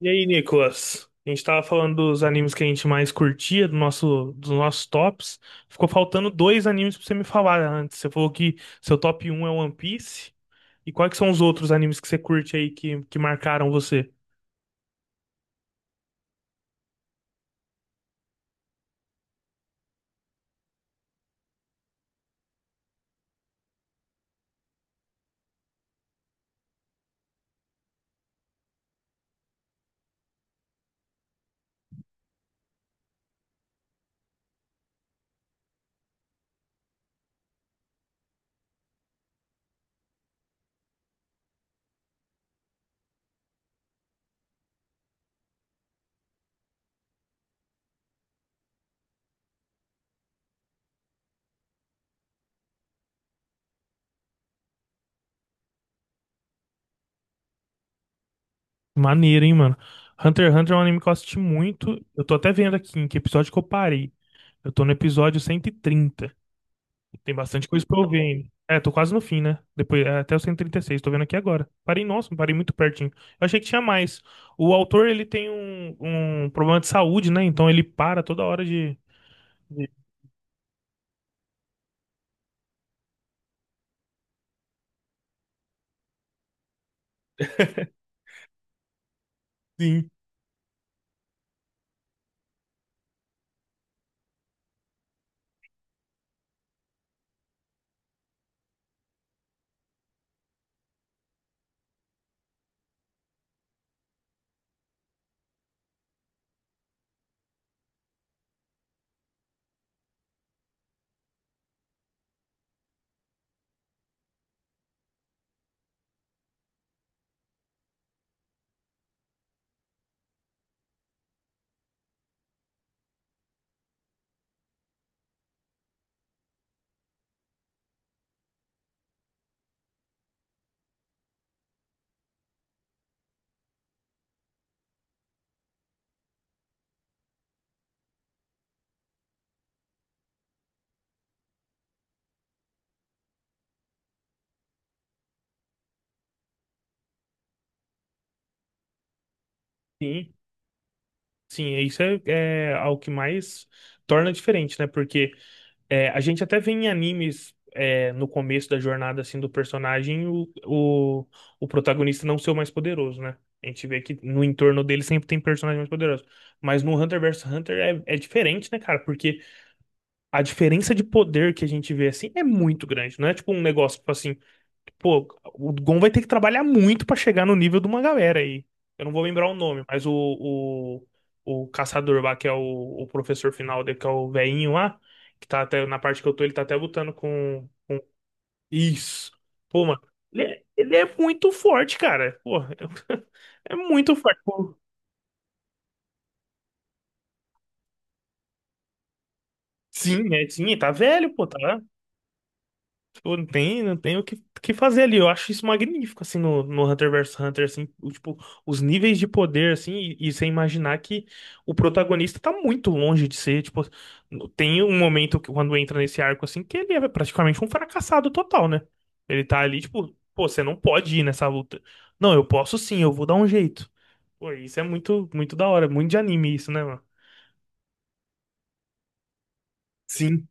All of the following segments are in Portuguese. E aí, Nicolas? A gente tava falando dos animes que a gente mais curtia, dos nossos tops. Ficou faltando dois animes pra você me falar antes. Você falou que seu top um é One Piece. E quais que são os outros animes que você curte aí que marcaram você? Maneiro, hein, mano? Hunter x Hunter é um anime que eu assisti muito. Eu tô até vendo aqui em que episódio que eu parei. Eu tô no episódio 130. Tem bastante coisa pra eu ver ainda. É, tô quase no fim, né? Depois, é, até o cento e trinta e seis tô vendo aqui agora. Parei, nossa, parei muito pertinho. Eu achei que tinha mais. O autor, ele tem um problema de saúde, né? Então ele para toda hora de... Sim. Sim, sim, isso é algo que mais torna diferente, né? Porque é, a gente até vê em animes, é, no começo da jornada assim do personagem o protagonista não ser o mais poderoso, né? A gente vê que no entorno dele sempre tem personagem mais poderoso. Mas no Hunter vs Hunter é diferente, né, cara? Porque a diferença de poder que a gente vê assim é muito grande. Não é tipo um negócio tipo assim, pô, o Gon vai ter que trabalhar muito pra chegar no nível de uma galera aí. Eu não vou lembrar o nome, mas o caçador lá, que é o professor final dele, que é o velhinho lá, que tá até, na parte que eu tô, ele tá até lutando com... Isso. Pô, mano, ele é muito forte, cara. Pô, é muito forte. Pô, sim, é, sim, tá velho, pô, tá. Pô, não tem o que fazer ali. Eu acho isso magnífico, assim, no, no Hunter vs Hunter, assim, o, tipo, os níveis de poder, assim, e você imaginar que o protagonista tá muito longe de ser, tipo, tem um momento que, quando entra nesse arco, assim, que ele é praticamente um fracassado total, né? Ele tá ali, tipo, pô, você não pode ir nessa luta. Não, eu posso sim, eu vou dar um jeito. Pô, isso é muito, muito da hora, muito de anime isso, né, mano? Sim.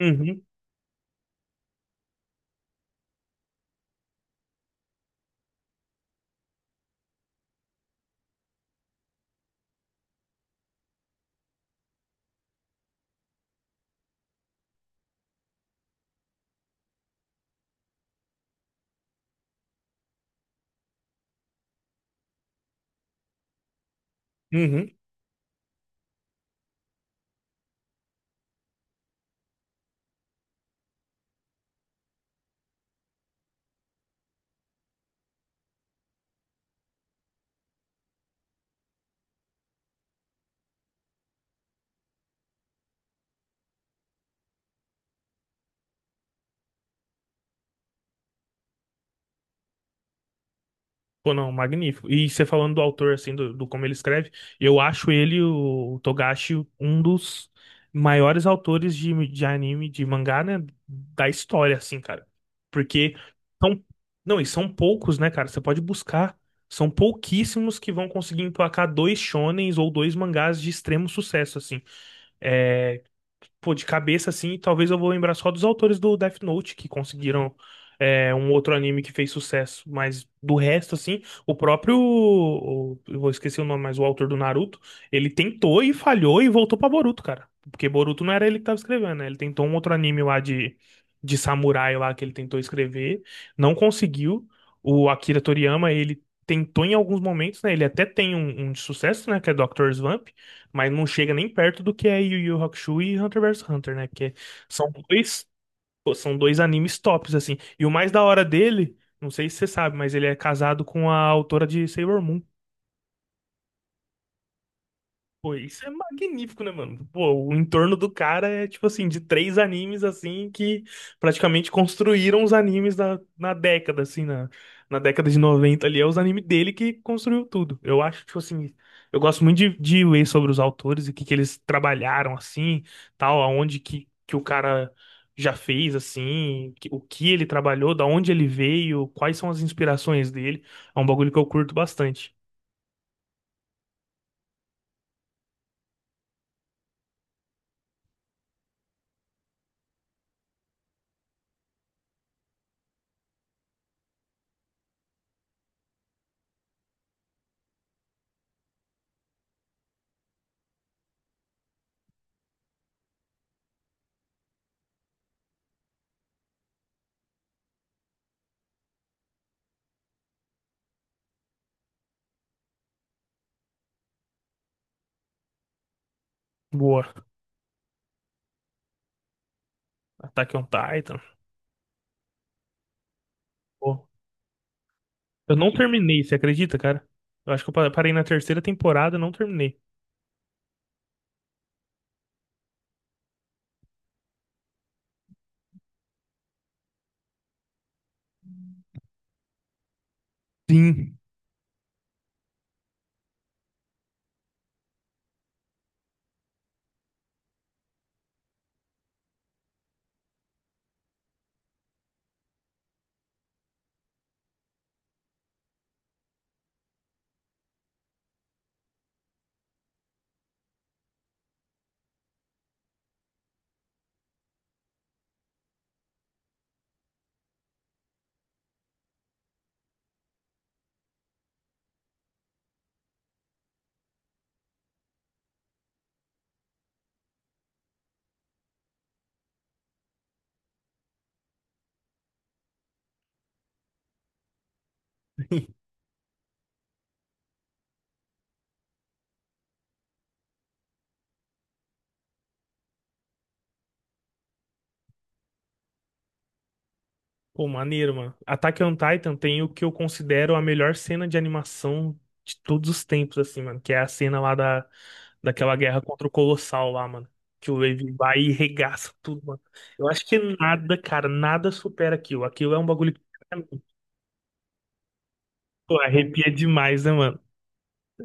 Uhum, uhum. Pô, não, magnífico. E você falando do autor, assim, do, do como ele escreve, eu acho ele, o Togashi, um dos maiores autores de anime, de mangá, né, da história, assim, cara. Porque são, não, e são poucos, né, cara? Você pode buscar. São pouquíssimos que vão conseguir emplacar dois shonens ou dois mangás de extremo sucesso, assim. É, pô, de cabeça assim, talvez eu vou lembrar só dos autores do Death Note que conseguiram é, um outro anime que fez sucesso, mas do resto assim, eu vou esquecer o nome, mas o autor do Naruto, ele tentou e falhou e voltou pra Boruto, cara. Porque Boruto não era ele que tava escrevendo, né? Ele tentou um outro anime lá de samurai lá que ele tentou escrever, não conseguiu. O Akira Toriyama, ele tentou em alguns momentos, né? Ele até tem um de sucesso, né? Que é Doctor Slump, mas não chega nem perto do que é Yu Yu Hakusho e Hunter vs Hunter, né? Porque são dois, pô, são dois animes tops, assim. E o mais da hora dele, não sei se você sabe, mas ele é casado com a autora de Sailor Moon. Pô, isso é magnífico, né, mano? Pô, o entorno do cara é, tipo assim, de três animes, assim, que praticamente construíram os animes da, na década, assim, na, na década de 90 ali. É os animes dele que construiu tudo. Eu acho, tipo assim, eu gosto muito de ler sobre os autores e o que eles trabalharam, assim, tal, aonde que o cara já fez, assim, o que ele trabalhou, da onde ele veio, quais são as inspirações dele. É um bagulho que eu curto bastante. Boa. Attack on Titan. Pô, eu não terminei, você acredita, cara? Eu acho que eu parei na terceira temporada, e não terminei. Sim. Pô, maneiro, mano. Attack on Titan tem o que eu considero a melhor cena de animação de todos os tempos, assim, mano. Que é a cena lá da, daquela guerra contra o Colossal lá, mano. Que o Levi vai e regaça tudo, mano. Eu acho que nada, cara, nada supera aquilo. Aquilo é um bagulho que pra mim, pô, arrepia demais, né, mano?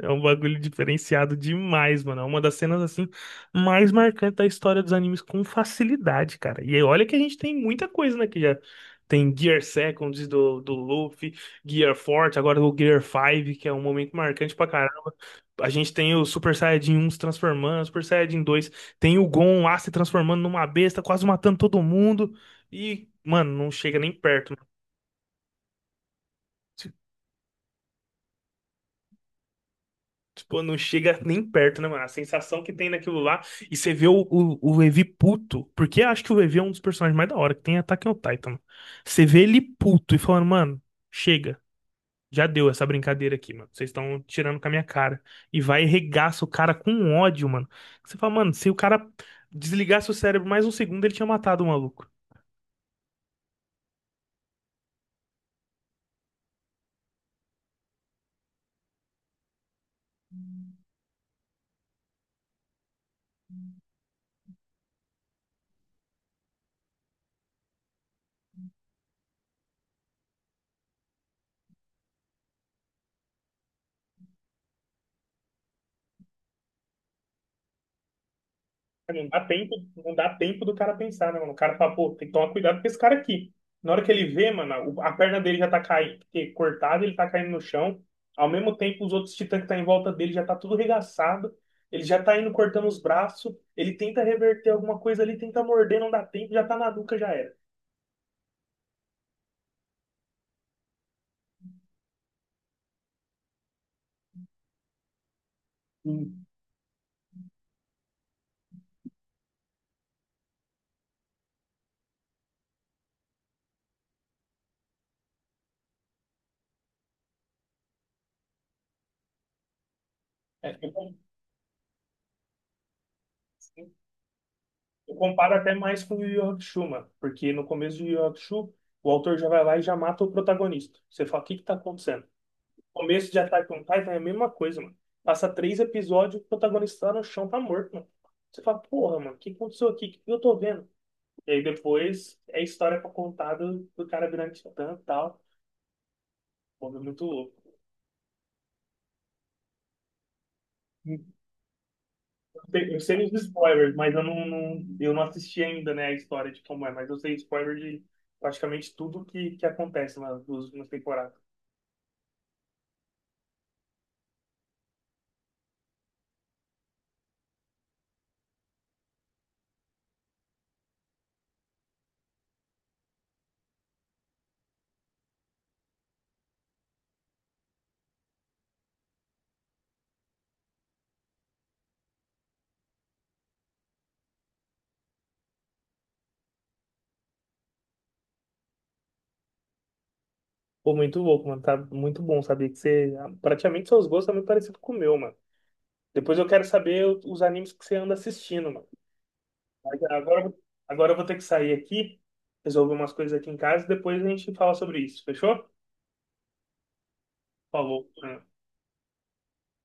É um bagulho diferenciado demais, mano. É uma das cenas assim mais marcantes da história dos animes com facilidade, cara. E aí, olha que a gente tem muita coisa, né, que já tem Gear Seconds do Luffy, Gear Forte, agora o Gear 5, que é um momento marcante pra caramba. A gente tem o Super Saiyajin 1 se transformando, Super Saiyajin dois, tem o Gon lá se transformando numa besta, quase matando todo mundo. E, mano, não chega nem perto. Mano, tipo, não chega nem perto, né, mano? A sensação que tem naquilo lá. E você vê o Levi puto. Porque eu acho que o Levi é um dos personagens mais da hora que tem em Attack on Titan. Você vê ele puto e falando, mano, chega. Já deu essa brincadeira aqui, mano. Vocês estão tirando com a minha cara. E vai e regaça o cara com ódio, mano. Você fala, mano, se o cara desligasse o cérebro mais um segundo, ele tinha matado o maluco. Não dá tempo, não dá tempo do cara pensar, né, mano? O cara fala, pô, tem que tomar cuidado com esse cara aqui. Na hora que ele vê, mano, a perna dele já tá caindo, porque cortada, ele tá caindo no chão. Ao mesmo tempo, os outros titãs que tá em volta dele já tá tudo regaçado. Ele já tá indo cortando os braços. Ele tenta reverter alguma coisa ali, tenta morder, não dá tempo, já tá na nuca, já era. Hum. É, eu, eu comparo até mais com o Yu Yu Hakusho, mano, porque no começo do Yu Yu Hakusho, o autor já vai lá e já mata o protagonista. Você fala, o que que tá acontecendo? Começo de Attack on Titan é a mesma coisa, mano. Passa três episódios, o protagonista lá no chão tá morto, mano. Você fala, porra, mano, o que aconteceu aqui? O que eu tô vendo? E aí depois é a história pra contar do cara virando titã e tal. Pô, é muito louco. Eu eu sei os spoilers, mas eu eu não assisti ainda, né, a história de como é, mas eu sei spoiler de praticamente tudo que acontece nas duas últimas temporadas. Pô, muito louco, mano. Tá muito bom saber que você. Praticamente seus gostos são muito parecidos com o meu, mano. Depois eu quero saber os animes que você anda assistindo, mano. Mas agora, agora eu vou ter que sair aqui, resolver umas coisas aqui em casa, depois a gente fala sobre isso, fechou? Falou. É.